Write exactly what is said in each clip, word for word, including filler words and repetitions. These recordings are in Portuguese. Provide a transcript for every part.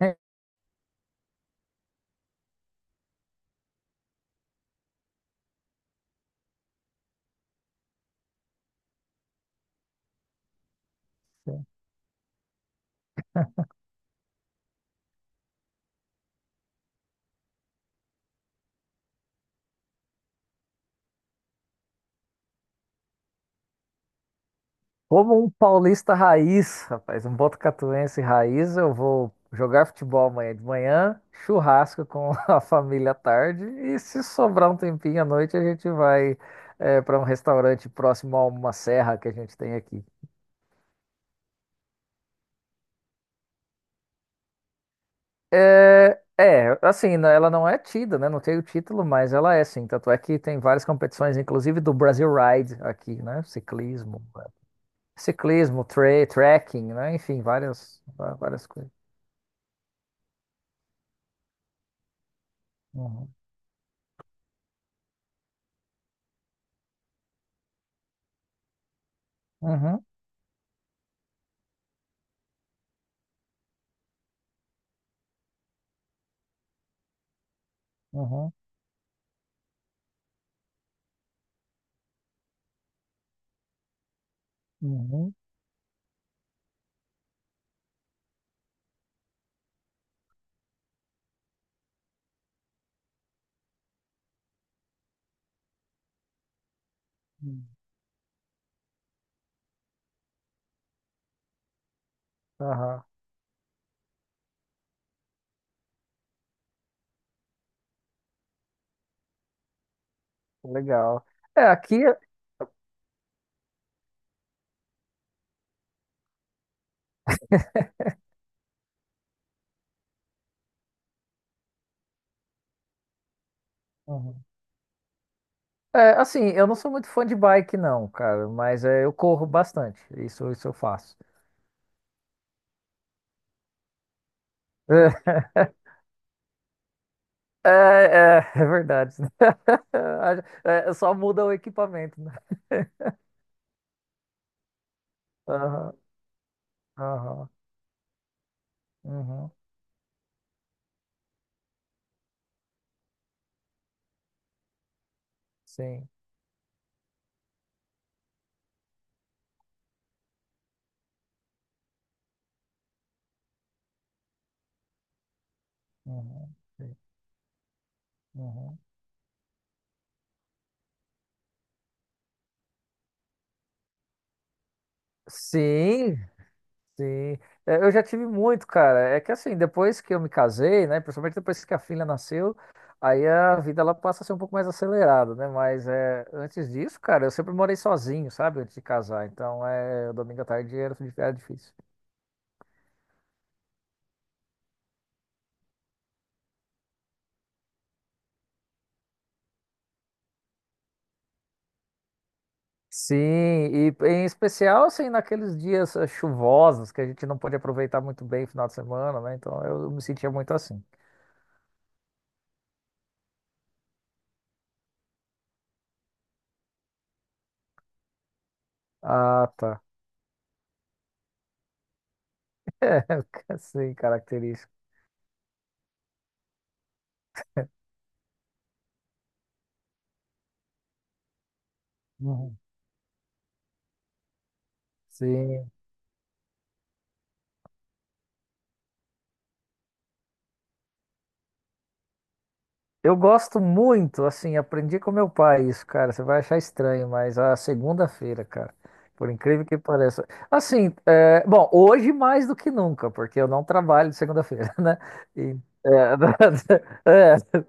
É, como um paulista raiz, rapaz, um botucatuense raiz, eu vou jogar futebol amanhã de manhã, churrasco com a família à tarde e se sobrar um tempinho à noite a gente vai para um restaurante próximo a uma serra que a gente tem aqui. É, é, assim, né, ela não é tida, né? Não tem o título, mas ela é sim. Tanto é que tem várias competições, inclusive do Brasil Ride aqui, né? Ciclismo, ciclismo, tra trekking, né? Enfim, várias, va- várias coisas. Uhum. Uhum, uhum, uhum, uhum. Aham, legal. É, aqui, uhum. É, assim, eu não sou muito fã de bike, não, cara, mas é, eu corro bastante, isso, isso eu faço. É, é, é verdade. É, só muda o equipamento, né? Aham, aham, uhum, sim, uhum, sim, uhum. Sim. Sim, é, eu já tive muito, cara. É que assim, depois que eu me casei, né, principalmente depois que a filha nasceu, aí a vida ela passa a ser um pouco mais acelerada, né? Mas é, antes disso, cara, eu sempre morei sozinho, sabe? Antes de casar. Então, é, domingo à tarde era, era difícil. Sim, e em especial, assim, naqueles dias eh, chuvosos que a gente não pode aproveitar muito bem o final de semana, né? Então, eu me sentia muito assim. Ah, tá. É, sim, característico. Uhum. Sim. Eu gosto muito, assim, aprendi com meu pai isso, cara. Você vai achar estranho, mas a segunda-feira, cara, por incrível que pareça. Assim, é, bom, hoje mais do que nunca, porque eu não trabalho de segunda-feira, né? E- É, é.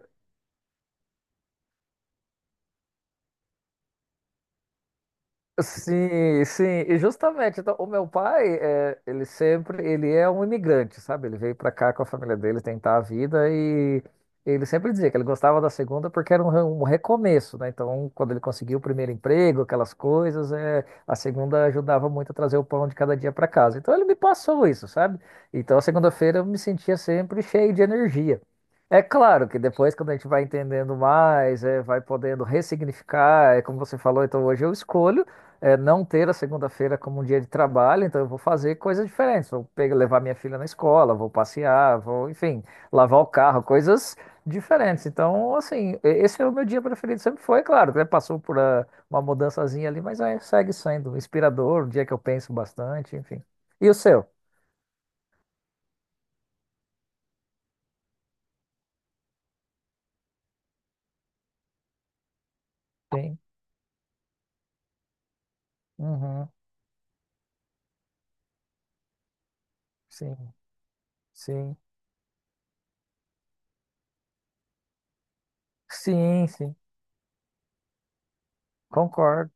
Sim, sim, e justamente, então, o meu pai, é, ele sempre, ele é um imigrante, sabe? Ele veio pra cá com a família dele tentar a vida e ele sempre dizia que ele gostava da segunda porque era um, re- um recomeço, né? Então, quando ele conseguiu o primeiro emprego, aquelas coisas, é, a segunda ajudava muito a trazer o pão de cada dia pra casa. Então, ele me passou isso, sabe? Então, a segunda-feira eu me sentia sempre cheio de energia. É claro que depois, quando a gente vai entendendo mais, é, vai podendo ressignificar, é como você falou, então hoje eu escolho é, não ter a segunda-feira como um dia de trabalho, então eu vou fazer coisas diferentes. Vou pegar, levar minha filha na escola, vou passear, vou, enfim, lavar o carro, coisas diferentes. Então, assim, e- esse é o meu dia preferido, sempre foi, claro, né? Passou por ah, uma mudançazinha ali, mas aí segue sendo inspirador, um dia que eu penso bastante, enfim. E o seu? Sim, uhum, sim, sim, sim, sim, concordo.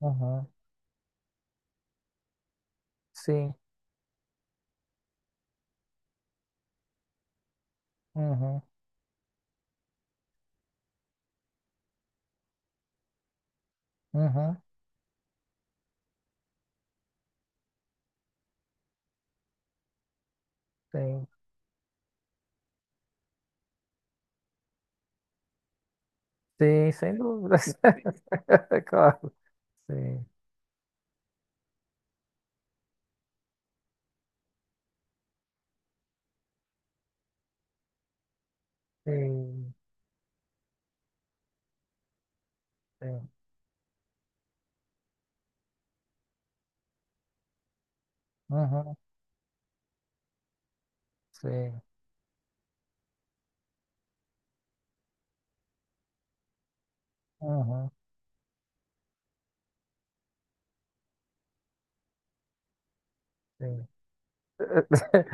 Uhum, sim, uhum, uhum, sim. Sim, sem dúvida. Claro. Sim, sim, sim. Uhum, sim, uhum, sim.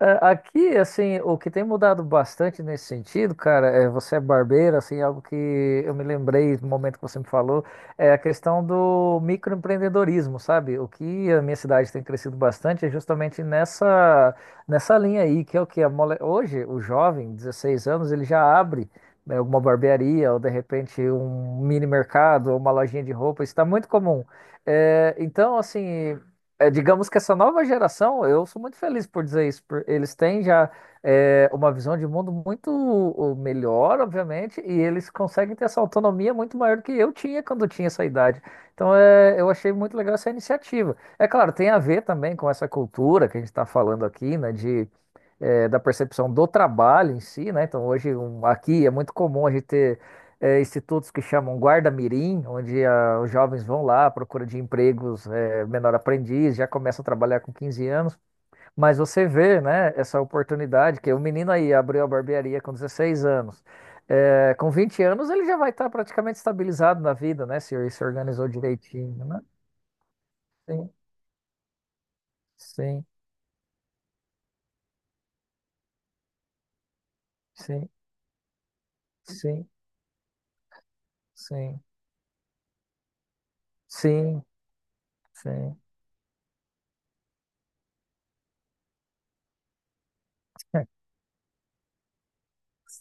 É, aqui, assim, o que tem mudado bastante nesse sentido, cara, é você é barbeiro, assim, é algo que eu me lembrei no momento que você me falou, é a questão do microempreendedorismo, sabe? O que a minha cidade tem crescido bastante é justamente nessa, nessa linha aí, que é o que a mole... hoje o jovem, dezesseis anos, ele já abre, né, alguma barbearia ou de repente um mini mercado ou uma lojinha de roupa, isso está muito comum. É, então, assim. É, digamos que essa nova geração, eu sou muito feliz por dizer isso, por- eles têm já é, uma visão de mundo muito o, melhor, obviamente, e eles conseguem ter essa autonomia muito maior do que eu tinha quando eu tinha essa idade. Então, é, eu achei muito legal essa iniciativa. É claro, tem a ver também com essa cultura que a gente está falando aqui, né, de, é, da percepção do trabalho em si, né? Então, hoje, um- aqui é muito comum a gente ter é, institutos que chamam guarda-mirim, onde ah, os jovens vão lá à procura de empregos é, menor aprendiz, já começa a trabalhar com quinze anos, mas você vê, né, essa oportunidade que o menino aí abriu a barbearia com dezesseis anos. É, com vinte anos ele já vai estar praticamente estabilizado na vida, né, se, se organizou direitinho, né? Sim, sim, sim, sim, sim, sim, sim,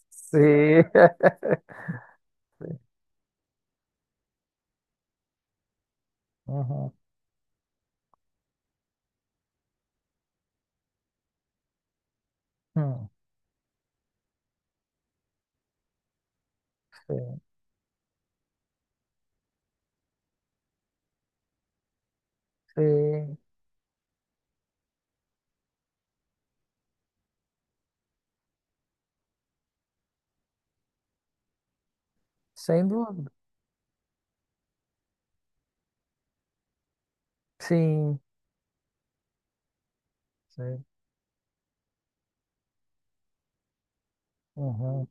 sim. Uhum, hum, sim, sim, sem dúvida. Sim, sim. Uhum,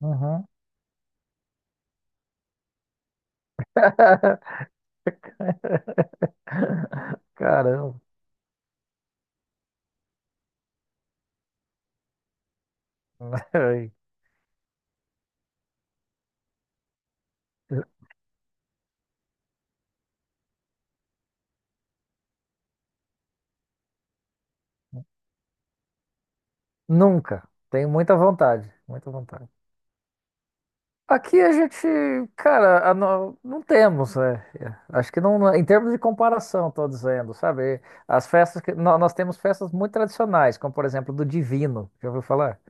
uhum. Caramba. Ai. Nunca. Tenho muita vontade, muita vontade. Aqui a gente, cara, a no- não temos, é. É. Acho que não, em termos de comparação, estou dizendo, sabe? As festas que nó- nós temos festas muito tradicionais, como por exemplo do Divino, já ouviu falar?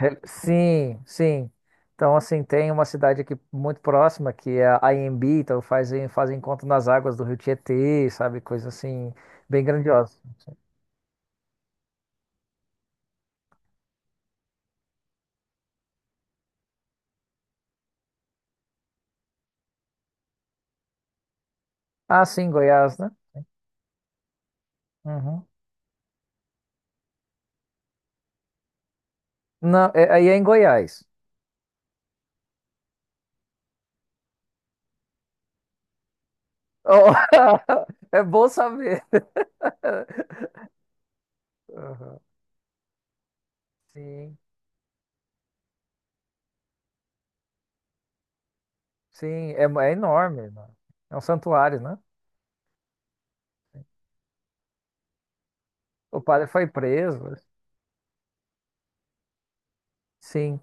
Re- Sim, sim. Então, assim, tem uma cidade aqui muito próxima que é a Anhembi, então fazem, fazem encontro nas águas do Rio Tietê, sabe? Coisa assim, bem grandiosa. Ah, sim, Goiás, né? Uhum. Não, é- aí é em Goiás. Oh, é bom saber. Uhum. Sim, sim, é, é enorme, né? É um santuário, né? O padre foi preso. Sim,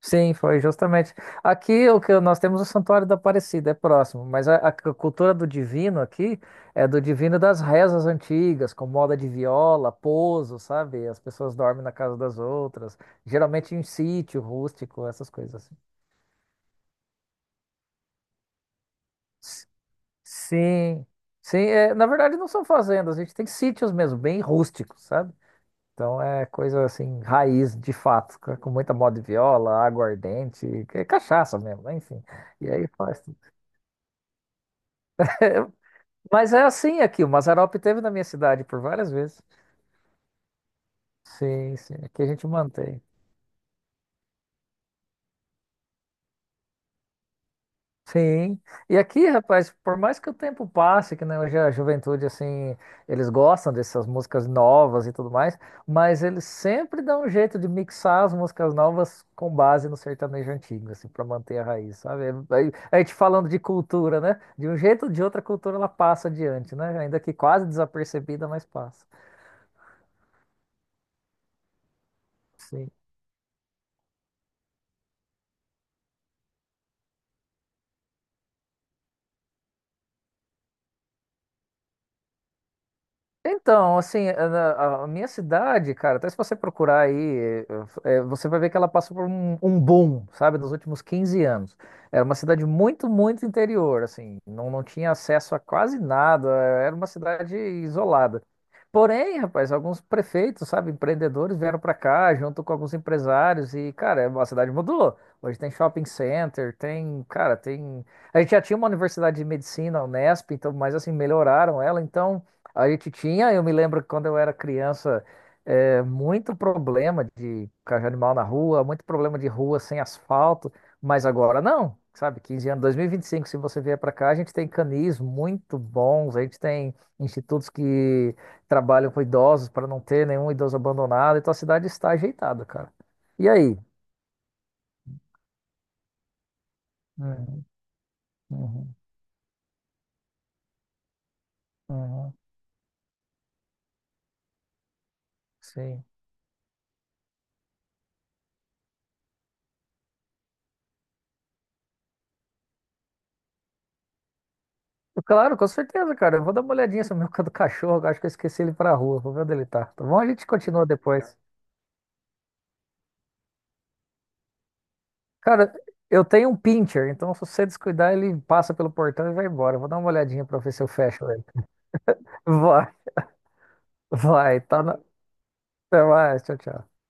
sim, foi justamente. Aqui o que nós temos o Santuário da Aparecida, é próximo, mas a, a cultura do divino aqui é do divino das rezas antigas, com moda de viola, pouso, sabe? As pessoas dormem na casa das outras, geralmente em sítio rústico, essas coisas assim. Sim, sim, é, na verdade não são fazendas, a gente tem sítios mesmo, bem rústicos, sabe? Então é coisa assim, raiz de fato, com com muita moda de viola, aguardente, que é cachaça mesmo, né? Enfim. E aí faz. Tudo. É, mas é assim aqui, o Mazarope teve na minha cidade por várias vezes. Sim, sim, aqui a gente mantém. Sim. E aqui, rapaz, por mais que o tempo passe, que né, hoje a juventude, assim, eles gostam dessas músicas novas e tudo mais, mas eles sempre dão um jeito de mixar as músicas novas com base no sertanejo antigo, assim, para manter a raiz, sabe? Aí, a gente falando de cultura, né? De um jeito ou de outra a cultura ela passa adiante, né? Ainda que quase desapercebida, mas passa. Então, assim, a, a- a minha cidade, cara, até se você procurar aí, é, é, você vai ver que ela passou por um, um boom, sabe, nos últimos quinze anos. Era uma cidade muito, muito interior, assim, não, não tinha acesso a quase nada, era uma cidade isolada. Porém, rapaz, alguns prefeitos, sabe, empreendedores vieram pra cá junto com alguns empresários e, cara, a cidade mudou. Hoje tem shopping center, tem, cara, tem. A gente já tinha uma universidade de medicina, a Unesp, então, mas assim, melhoraram ela, então. A gente tinha, eu me lembro que quando eu era criança, é, muito problema de cachorro animal na rua, muito problema de rua sem asfalto, mas agora não, sabe? Quinze anos, dois mil e e vinte e cinco, se você vier para cá, a gente tem canis muito bons, a gente tem institutos que trabalham com idosos para não ter nenhum idoso abandonado, então a cidade está ajeitada, cara. E aí? Uhum, uhum, uhum, sim. Claro, com certeza, cara. Eu vou dar uma olhadinha sobre o meu do cachorro. Eu Acho que eu esqueci ele pra rua. Vou ver onde ele tá. Tá bom? A gente continua depois. Cara, eu tenho um pincher, então se você descuidar, ele passa pelo portão e vai embora. Eu Vou dar uma olhadinha pra ver se eu fecho ele. Vai, vai. Tá na... Até mais. Tchau, tchau.